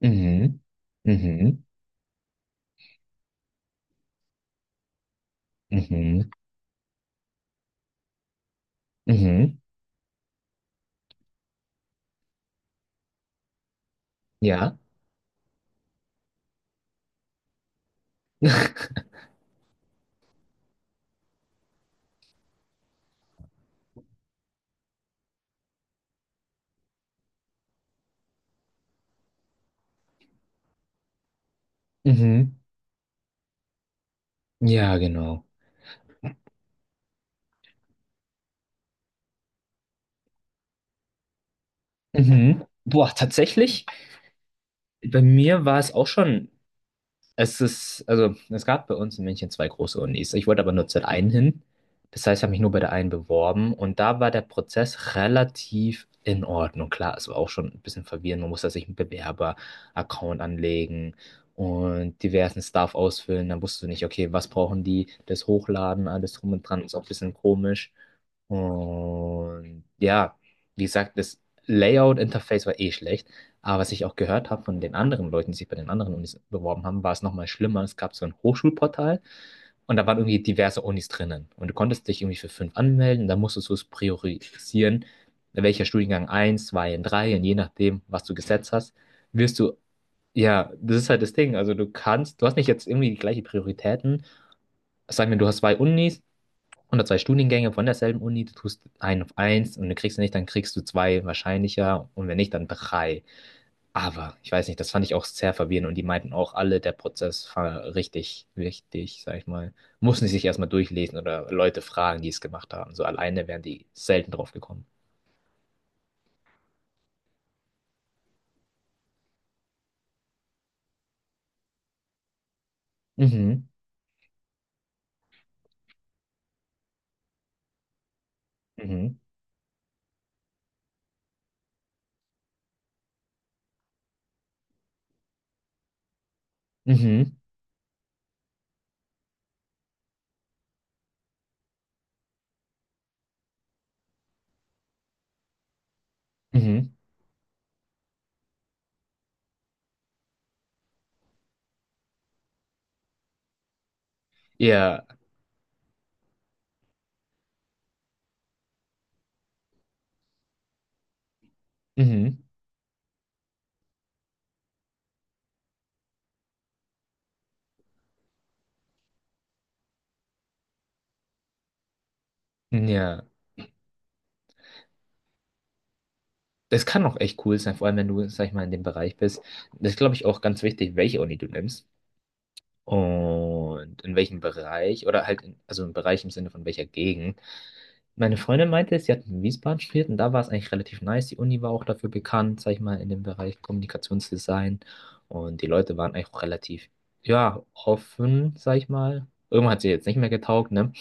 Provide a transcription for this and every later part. Mhm, mhm, mhm, mhm, ja. Mhm, ja, genau. Mhm. Boah, tatsächlich, bei mir war es auch schon Es ist, also es gab bei uns in München zwei große Unis. Ich wollte aber nur zur einen hin. Das heißt, ich habe mich nur bei der einen beworben und da war der Prozess relativ in Ordnung. Klar, es war auch schon ein bisschen verwirrend. Man musste sich einen Bewerber-Account anlegen und diversen Stuff ausfüllen. Dann wusstest du nicht, okay, was brauchen die, das Hochladen, alles drum und dran, ist auch ein bisschen komisch. Und ja, wie gesagt, das Layout-Interface war eh schlecht. Aber was ich auch gehört habe von den anderen Leuten, die sich bei den anderen Unis beworben haben, war es nochmal schlimmer. Es gab so ein Hochschulportal und da waren irgendwie diverse Unis drinnen. Und du konntest dich irgendwie für fünf anmelden, dann musstest du es priorisieren, welcher Studiengang eins, 2, und drei, und je nachdem, was du gesetzt hast, wirst du, ja, das ist halt das Ding. Also du hast nicht jetzt irgendwie die gleichen Prioritäten. Sagen wir, du hast zwei Unis oder zwei Studiengänge von derselben Uni, du tust einen auf eins und du kriegst nicht, dann kriegst du zwei wahrscheinlicher und wenn nicht, dann drei. Aber ich weiß nicht, das fand ich auch sehr verwirrend und die meinten auch alle, der Prozess war richtig wichtig, sag ich mal. Mussten sie sich erstmal durchlesen oder Leute fragen, die es gemacht haben. So alleine wären die selten drauf gekommen. Mhm, mhm, mhm, mhm. Ja, mhm, ja. Das kann auch echt cool sein, vor allem wenn du, sag ich mal, in dem Bereich bist. Das ist, glaube ich, auch ganz wichtig, welche Uni du nimmst. Und in welchem Bereich, oder halt, also im Bereich im Sinne von welcher Gegend. Meine Freundin meinte, sie hat in Wiesbaden studiert und da war es eigentlich relativ nice. Die Uni war auch dafür bekannt, sag ich mal, in dem Bereich Kommunikationsdesign. Und die Leute waren eigentlich auch relativ, ja, offen, sag ich mal. Irgendwann hat sie jetzt nicht mehr getaugt, ne?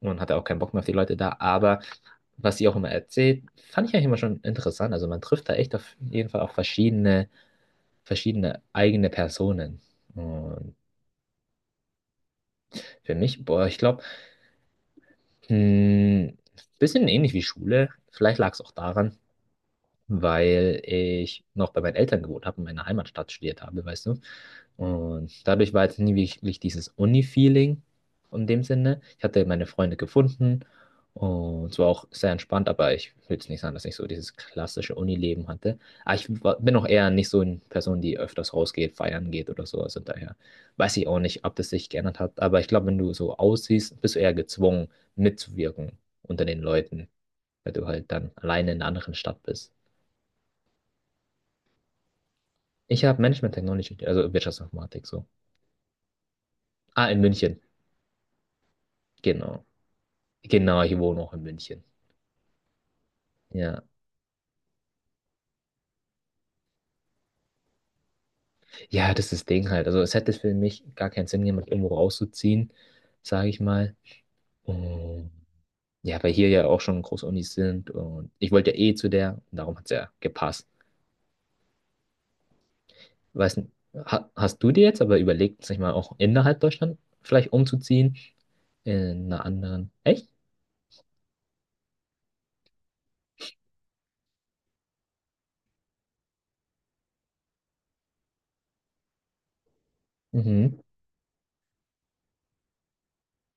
Und hatte auch keinen Bock mehr auf die Leute da. Aber was sie auch immer erzählt, fand ich eigentlich immer schon interessant. Also man trifft da echt auf jeden Fall auch verschiedene eigene Personen. Und für mich, boah, ich glaube, Hm, bisschen ähnlich wie Schule. Vielleicht lag es auch daran, weil ich noch bei meinen Eltern gewohnt habe und in meiner Heimatstadt studiert habe, weißt du. Und dadurch war jetzt nie wirklich dieses Uni-Feeling in dem Sinne. Ich hatte meine Freunde gefunden und es war auch sehr entspannt, aber ich will jetzt nicht sagen, dass ich so dieses klassische Uni-Leben hatte. Aber ich bin auch eher nicht so eine Person, die öfters rausgeht, feiern geht oder so. Also daher weiß ich auch nicht, ob das sich geändert hat. Aber ich glaube, wenn du so aussiehst, bist du eher gezwungen, mitzuwirken unter den Leuten, weil du halt dann alleine in einer anderen Stadt bist. Ich habe Management Technology, also Wirtschaftsinformatik so. Ah, in München. Genau. Genau, ich wohne auch in München. Ja. Ja, das ist das Ding halt. Also es hätte für mich gar keinen Sinn, jemand irgendwo rauszuziehen, sage ich mal. Und ja, weil hier ja auch schon große Unis sind und ich wollte ja eh zu der, darum hat es ja gepasst. Weiß nicht, ha hast du dir jetzt aber überlegt, sag ich mal, auch innerhalb Deutschland vielleicht umzuziehen? In einer anderen. Echt? Mhm.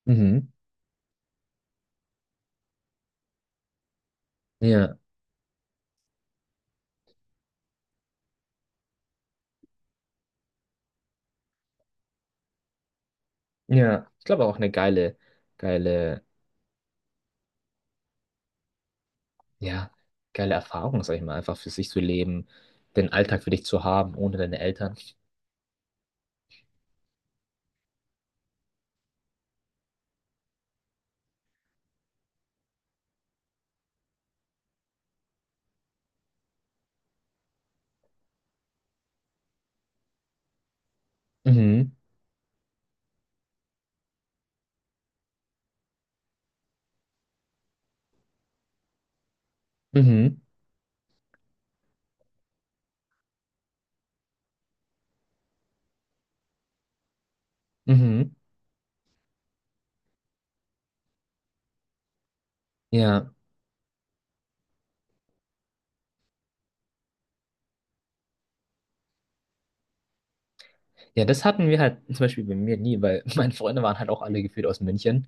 Mhm. Ja. Ja. Ich glaube auch eine geile, ja, geile Erfahrung, sag ich mal, einfach für sich zu leben, den Alltag für dich zu haben, ohne deine Eltern. Mhm, mhm, mhm. Ja, ja, das hatten wir halt zum Beispiel bei mir nie, weil meine Freunde waren halt auch alle gefühlt aus München.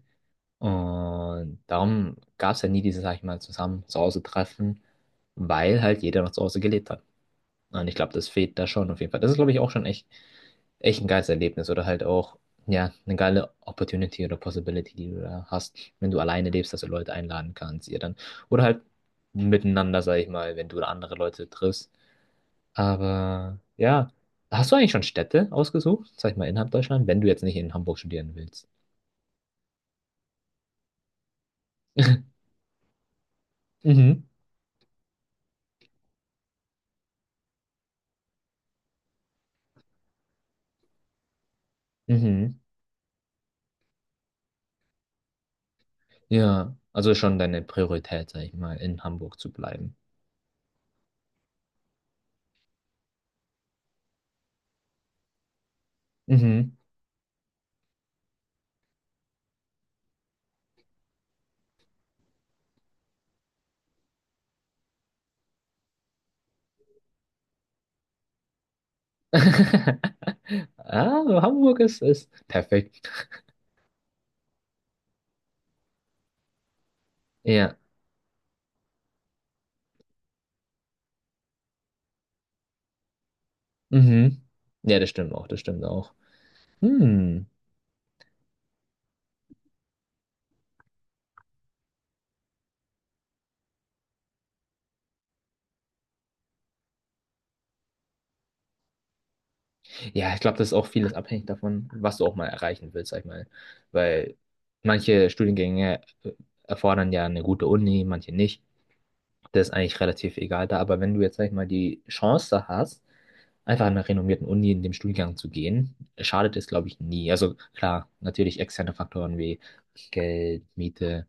Und darum gab es ja nie dieses, sag ich mal, zusammen zu Hause treffen, weil halt jeder noch zu Hause gelebt hat. Und ich glaube, das fehlt da schon auf jeden Fall. Das ist, glaube ich, auch schon echt, echt ein geiles Erlebnis oder halt auch, ja, eine geile Opportunity oder Possibility, die du da hast, wenn du alleine lebst, dass du Leute einladen kannst, ihr dann. Oder halt miteinander, sag ich mal, wenn du andere Leute triffst. Aber ja, hast du eigentlich schon Städte ausgesucht, sag ich mal, innerhalb Deutschland, wenn du jetzt nicht in Hamburg studieren willst? Mhm. Mhm. Ja, also schon deine Priorität, sag ich mal, in Hamburg zu bleiben. Mhm. Ah, so Hamburg ist perfekt. Ja. Mhm. Ja, das stimmt auch, das stimmt auch. Hm. Ja, ich glaube, das ist auch vieles abhängig davon, was du auch mal erreichen willst, sag ich mal. Weil manche Studiengänge erfordern ja eine gute Uni, manche nicht. Das ist eigentlich relativ egal da. Aber wenn du jetzt, sag ich mal, die Chance hast, einfach an einer renommierten Uni in dem Studiengang zu gehen, schadet es, glaube ich, nie. Also klar, natürlich externe Faktoren wie Geld, Miete,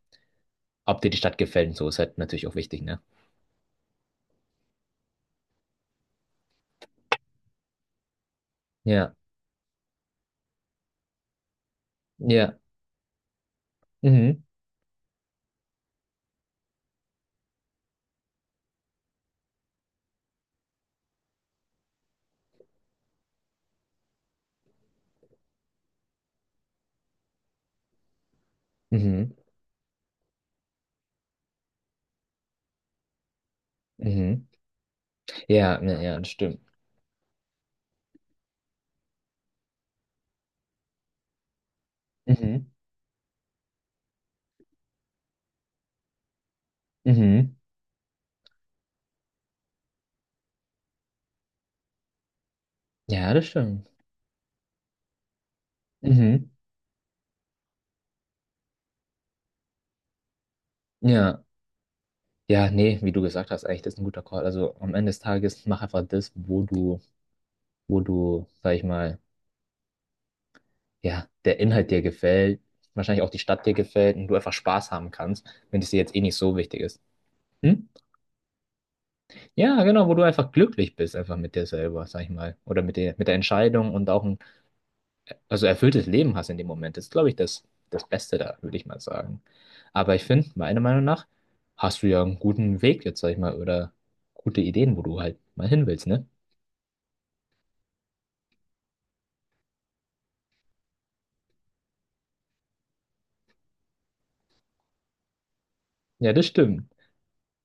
ob dir die Stadt gefällt und so ist halt natürlich auch wichtig, ne? Ja, ja, mhm, mhm, mhm. Ja, ja, ja, das stimmt. Mhm, mhm. Ja, das stimmt. Mhm. Ja, ja, nee, wie du gesagt hast, eigentlich, das ist ein guter Call. Also am Ende des Tages mach einfach das, wo du, sag ich mal, ja, der Inhalt dir gefällt, wahrscheinlich auch die Stadt dir gefällt und du einfach Spaß haben kannst, wenn es dir jetzt eh nicht so wichtig ist. Hm? Ja, genau, wo du einfach glücklich bist, einfach mit dir selber, sag ich mal. Oder mit der Entscheidung und auch also erfülltes Leben hast in dem Moment, ist, glaube ich, das Beste da, würde ich mal sagen. Aber ich finde, meiner Meinung nach, hast du ja einen guten Weg jetzt, sag ich mal, oder gute Ideen, wo du halt mal hin willst, ne? Ja, das stimmt.